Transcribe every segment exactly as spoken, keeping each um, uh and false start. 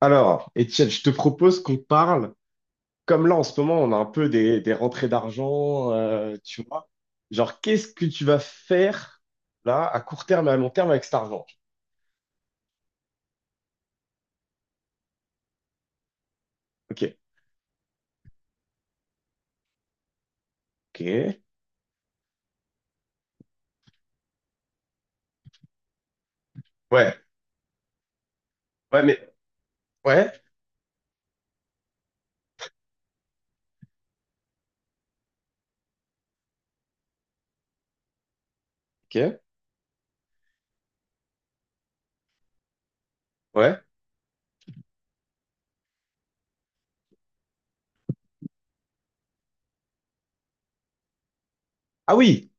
Alors, Étienne, je te propose qu'on parle, comme là en ce moment, on a un peu des, des rentrées d'argent, euh, tu vois. Genre, qu'est-ce que tu vas faire là, à court terme et à long terme avec cet argent? Ok, ok, ouais, ouais, mais, ouais, ok, ouais. Ah oui,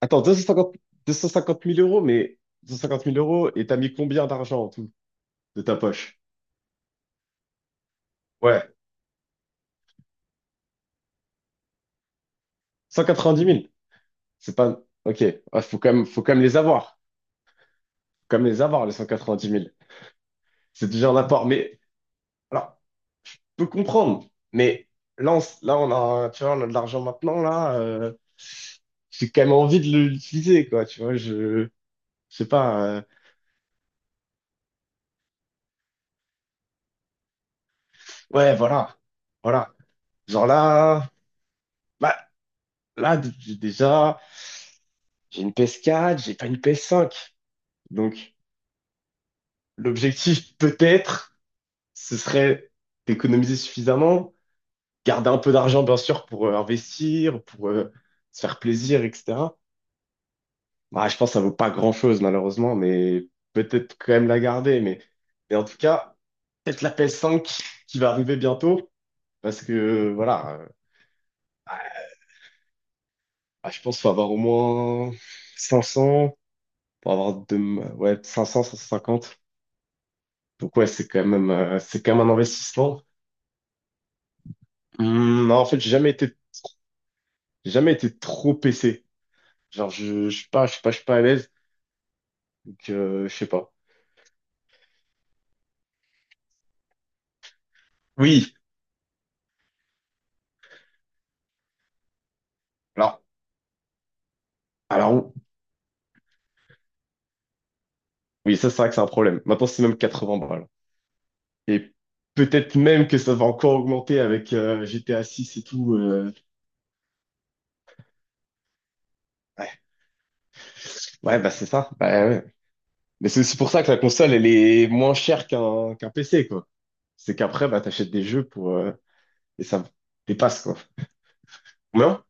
attends, deux cent cinquante, 250 000 euros, mais 250 000 euros, et t'as mis combien d'argent en tout de ta poche? Ouais, cent quatre-vingt-dix mille. C'est pas, ok, ouais, faut quand même, faut quand même les avoir. Faut quand même les avoir, les cent quatre-vingt-dix mille. C'est déjà un apport, mais. Alors, peux comprendre. Mais là, on, s- là, on a, tu vois, on a de l'argent maintenant, là. euh, j'ai quand même envie de l'utiliser, quoi. Tu vois, je, je sais pas. euh, ouais, voilà. Voilà. Genre là, bah, là, d- j'ai déjà, j'ai une P S quatre, j'ai pas une P S cinq. Donc, l'objectif, peut-être, ce serait d'économiser suffisamment, garder un peu d'argent, bien sûr, pour euh, investir, pour euh, se faire plaisir, et cetera. Bah, je pense que ça vaut pas grand-chose, malheureusement, mais peut-être quand même la garder. Mais, mais en tout cas, peut-être la p cinq qui qui va arriver bientôt, parce que voilà, euh, bah, je pense qu'il faut avoir au moins cinq cents pour avoir de, ouais, cinq cents, cent cinquante. Donc ouais, c'est quand même, euh, c'est quand même un investissement. Hum, non, en fait, j'ai jamais été, j'ai jamais été trop P C. Genre, je, je sais pas, je sais pas, je suis pas à l'aise, donc euh, je sais pas. Oui, alors, alors oui, ça c'est vrai que c'est un problème. Maintenant, c'est même quatre-vingts balles. Et peut-être même que ça va encore augmenter avec euh, G T A six et tout. euh. Ouais. Ouais, bah c'est ça. Bah, ouais. Mais c'est aussi pour ça que la console, elle est moins chère qu'un qu'un P C, quoi. C'est qu'après, bah, t'achètes des jeux pour... euh, et ça dépasse, quoi. Non?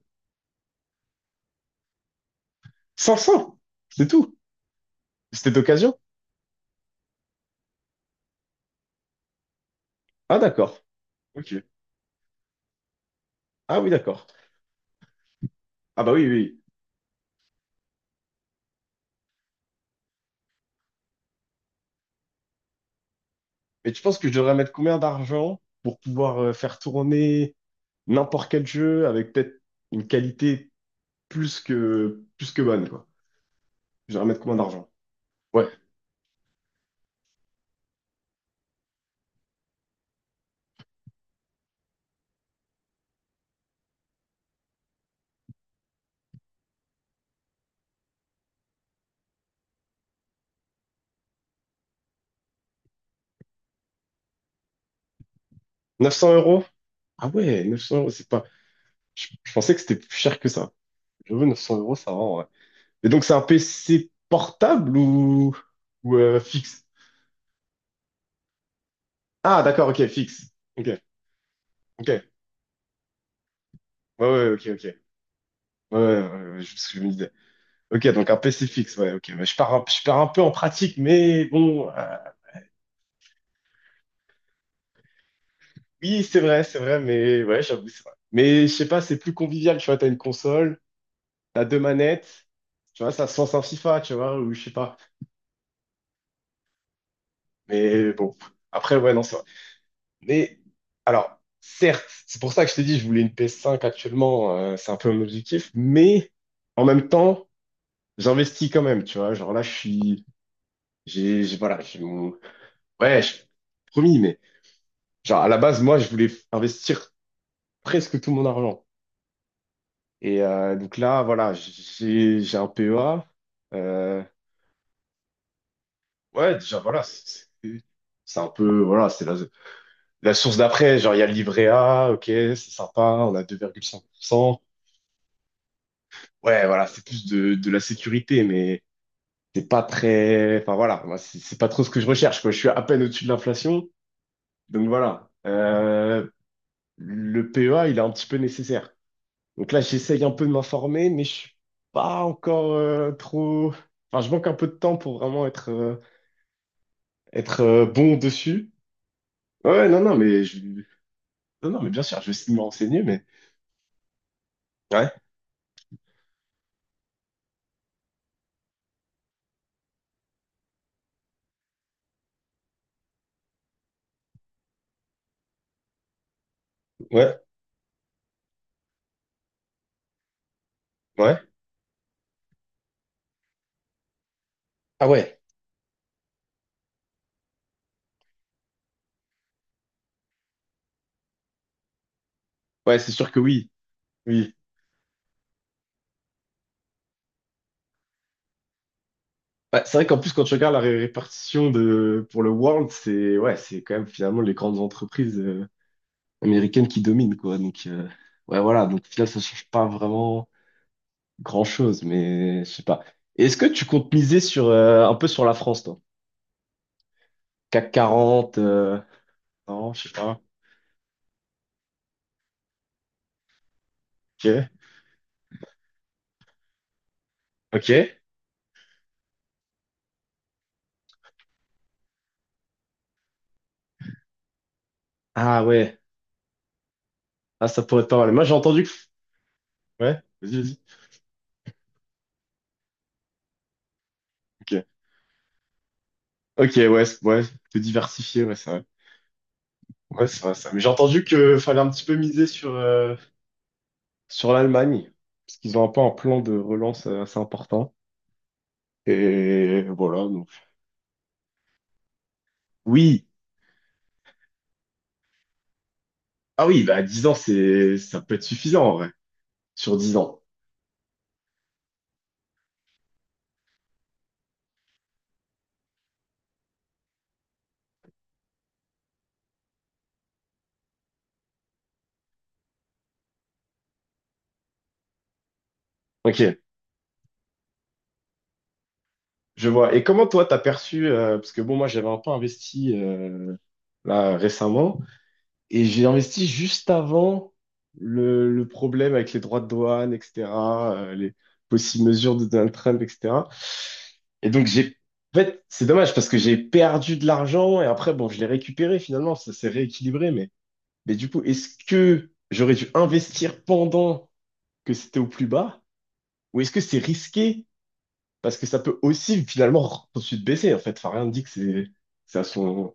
cinq cents! C'est tout. C'était d'occasion? Ah, d'accord. Ok. Ah oui, d'accord. Ah bah oui, oui. Oui. Mais tu penses que je devrais mettre combien d'argent pour pouvoir euh, faire tourner n'importe quel jeu avec peut-être une qualité plus que, plus que bonne, quoi? Je devrais mettre combien d'argent? Ouais. neuf cents euros? Ah ouais, neuf cents euros, c'est pas. Je, je pensais que c'était plus cher que ça. Je J'avoue, neuf cents euros, ça va, ouais. Et donc, c'est un P C portable ou, ou euh, fixe? Ah, d'accord, ok, fixe. Ok, ok. Ouais, ouais, ok, ok. Ouais, ouais, ouais, ouais, je- ce que je me disais. Ok, donc un P C fixe, ouais, ok. Mais je pars un, je pars un peu en pratique, mais bon. euh, oui, c'est vrai, c'est vrai, mais ouais, j'avoue, c'est vrai. Mais je sais pas, c'est plus convivial, tu vois, t'as une console, t'as deux manettes, tu vois, ça se lance un FIFA, tu vois, ou je sais pas. Mais bon, après, ouais, non, c'est vrai. Mais alors, certes, c'est pour ça que je t'ai dit, je voulais une P S cinq actuellement, euh, c'est un peu mon objectif, mais en même temps, j'investis quand même, tu vois. Genre là, je suis. J'ai, j'ai- voilà, j'ai mon. Ouais, je... promis, mais genre à la base, moi, je voulais f- investir presque tout mon argent. Et euh, donc là, voilà, j'ai j'ai un P E A. euh, Ouais, déjà, voilà, c'est c'est- c'est un peu. Voilà, c'est là. La source d'après, genre, il y a le livret A, ok, c'est sympa, on a deux virgule cinq pour cent. Ouais, voilà, c'est plus de, de la sécurité, mais c'est pas très. Enfin, voilà, moi, c'est c'est pas trop ce que je recherche, quoi. Je suis à peine au-dessus de l'inflation, donc voilà. Euh, le P E A, il est un petit peu nécessaire. Donc là, j'essaye un peu de m'informer, mais je suis pas encore euh, trop. Enfin, je manque un peu de temps pour vraiment être, euh, être euh, bon dessus. Ouais, non, non, mais je... non, non, mais bien sûr, je vais essayer de me renseigner, mais. Ouais, ouais, ouais. Ah ouais. Ouais, c'est sûr que oui. Oui. Bah, c'est vrai qu'en plus, quand tu regardes la ré- répartition de, pour le World, c'est ouais, c'est quand même finalement les grandes entreprises euh, américaines qui dominent, quoi. Donc, euh, ouais, voilà. Donc, au final, ça change pas vraiment grand-chose, mais je sais pas. Et est-ce que tu comptes miser sur, euh, un peu sur la France, toi? CAC quarante euh, non, je sais pas. Ok. Ok. Ah ouais. Ah, ça pourrait être pas mal. Moi, j'ai entendu que. Ouais, vas-y, vas-y. Ok. Ok, ouais, c- ouais, te diversifier, ouais, ça. Ouais, c'est vrai ça. Mais j'ai entendu que fallait un petit peu miser sur, euh, sur l'Allemagne, parce qu'ils ont un peu un plan de relance euh, assez important. Et voilà, donc. Oui. Ah oui, bah dix ans, c'est ça peut être suffisant en vrai. Sur dix ans. Ok, je vois. Et comment toi t'as perçu, euh, parce que bon, moi j'avais un peu investi euh, là récemment. Et j'ai investi juste avant le, le problème avec les droits de douane, et cetera, euh, les possibles mesures de Donald Trump, et cetera. Et donc, j'ai, en fait, c'est dommage parce que j'ai perdu de l'argent et après, bon, je l'ai récupéré finalement, ça s'est rééquilibré. Mais, mais du coup, est-ce que j'aurais dû investir pendant que c'était au plus bas ou est-ce que c'est risqué parce que ça peut aussi finalement ensuite baisser en fait. Enfin, rien ne dit que c'est c'est à son.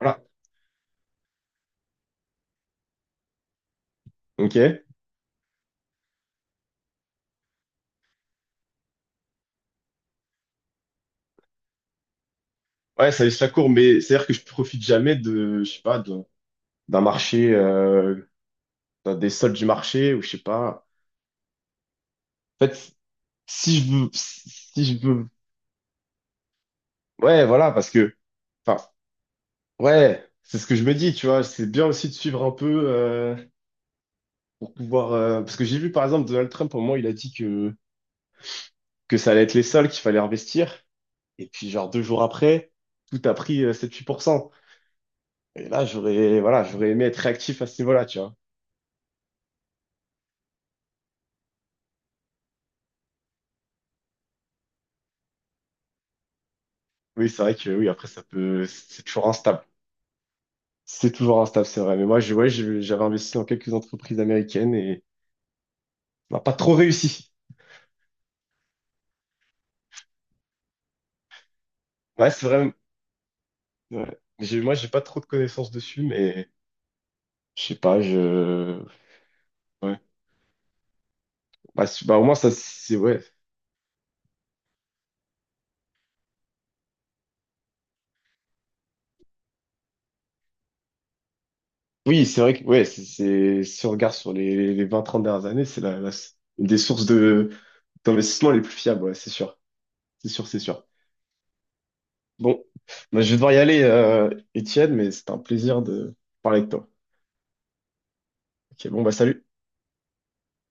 Voilà. Ok. Ouais, ça, ça court, mais c'est-à-dire que je profite jamais de, je sais pas, de- d'un marché, euh, d'un- des soldes du marché, ou je sais pas. En fait, si je veux, si je veux, ouais, voilà, parce que, enfin, ouais, c'est ce que je me dis, tu vois, c'est bien aussi de suivre un peu, euh, pour pouvoir, euh, parce que j'ai vu, par exemple, Donald Trump, au moment, il a dit que, que, ça allait être les soldes, qu'il fallait investir, et puis, genre, deux jours après, tout a pris euh, sept-huit pour cent. Et là, j'aurais, voilà, j'aurais aimé être réactif à ce niveau-là, tu vois. Oui, c'est vrai que, oui, après, ça peut, c'est toujours instable. C'est toujours un staff, c'est vrai. Mais moi, je, ouais, je- j'avais investi dans quelques entreprises américaines et on n'a pas trop réussi. Ouais, c'est vrai. Ouais. J'ai- Moi, j'ai pas trop de connaissances dessus, mais je sais pas, je. Ouais. Bah, c'est- bah, au moins, ça, c'est. Ouais. Oui, c'est vrai que, ouais, c'est, c'est- si on regarde sur les, les vingt trente dernières années, c'est la, la- une des sources de, d'investissement les plus fiables, ouais, c'est sûr. C'est sûr, c'est sûr. Bon, bah, je vais devoir y aller, euh, Étienne, mais c'est un plaisir de parler avec toi. Ok, bon, bah, salut.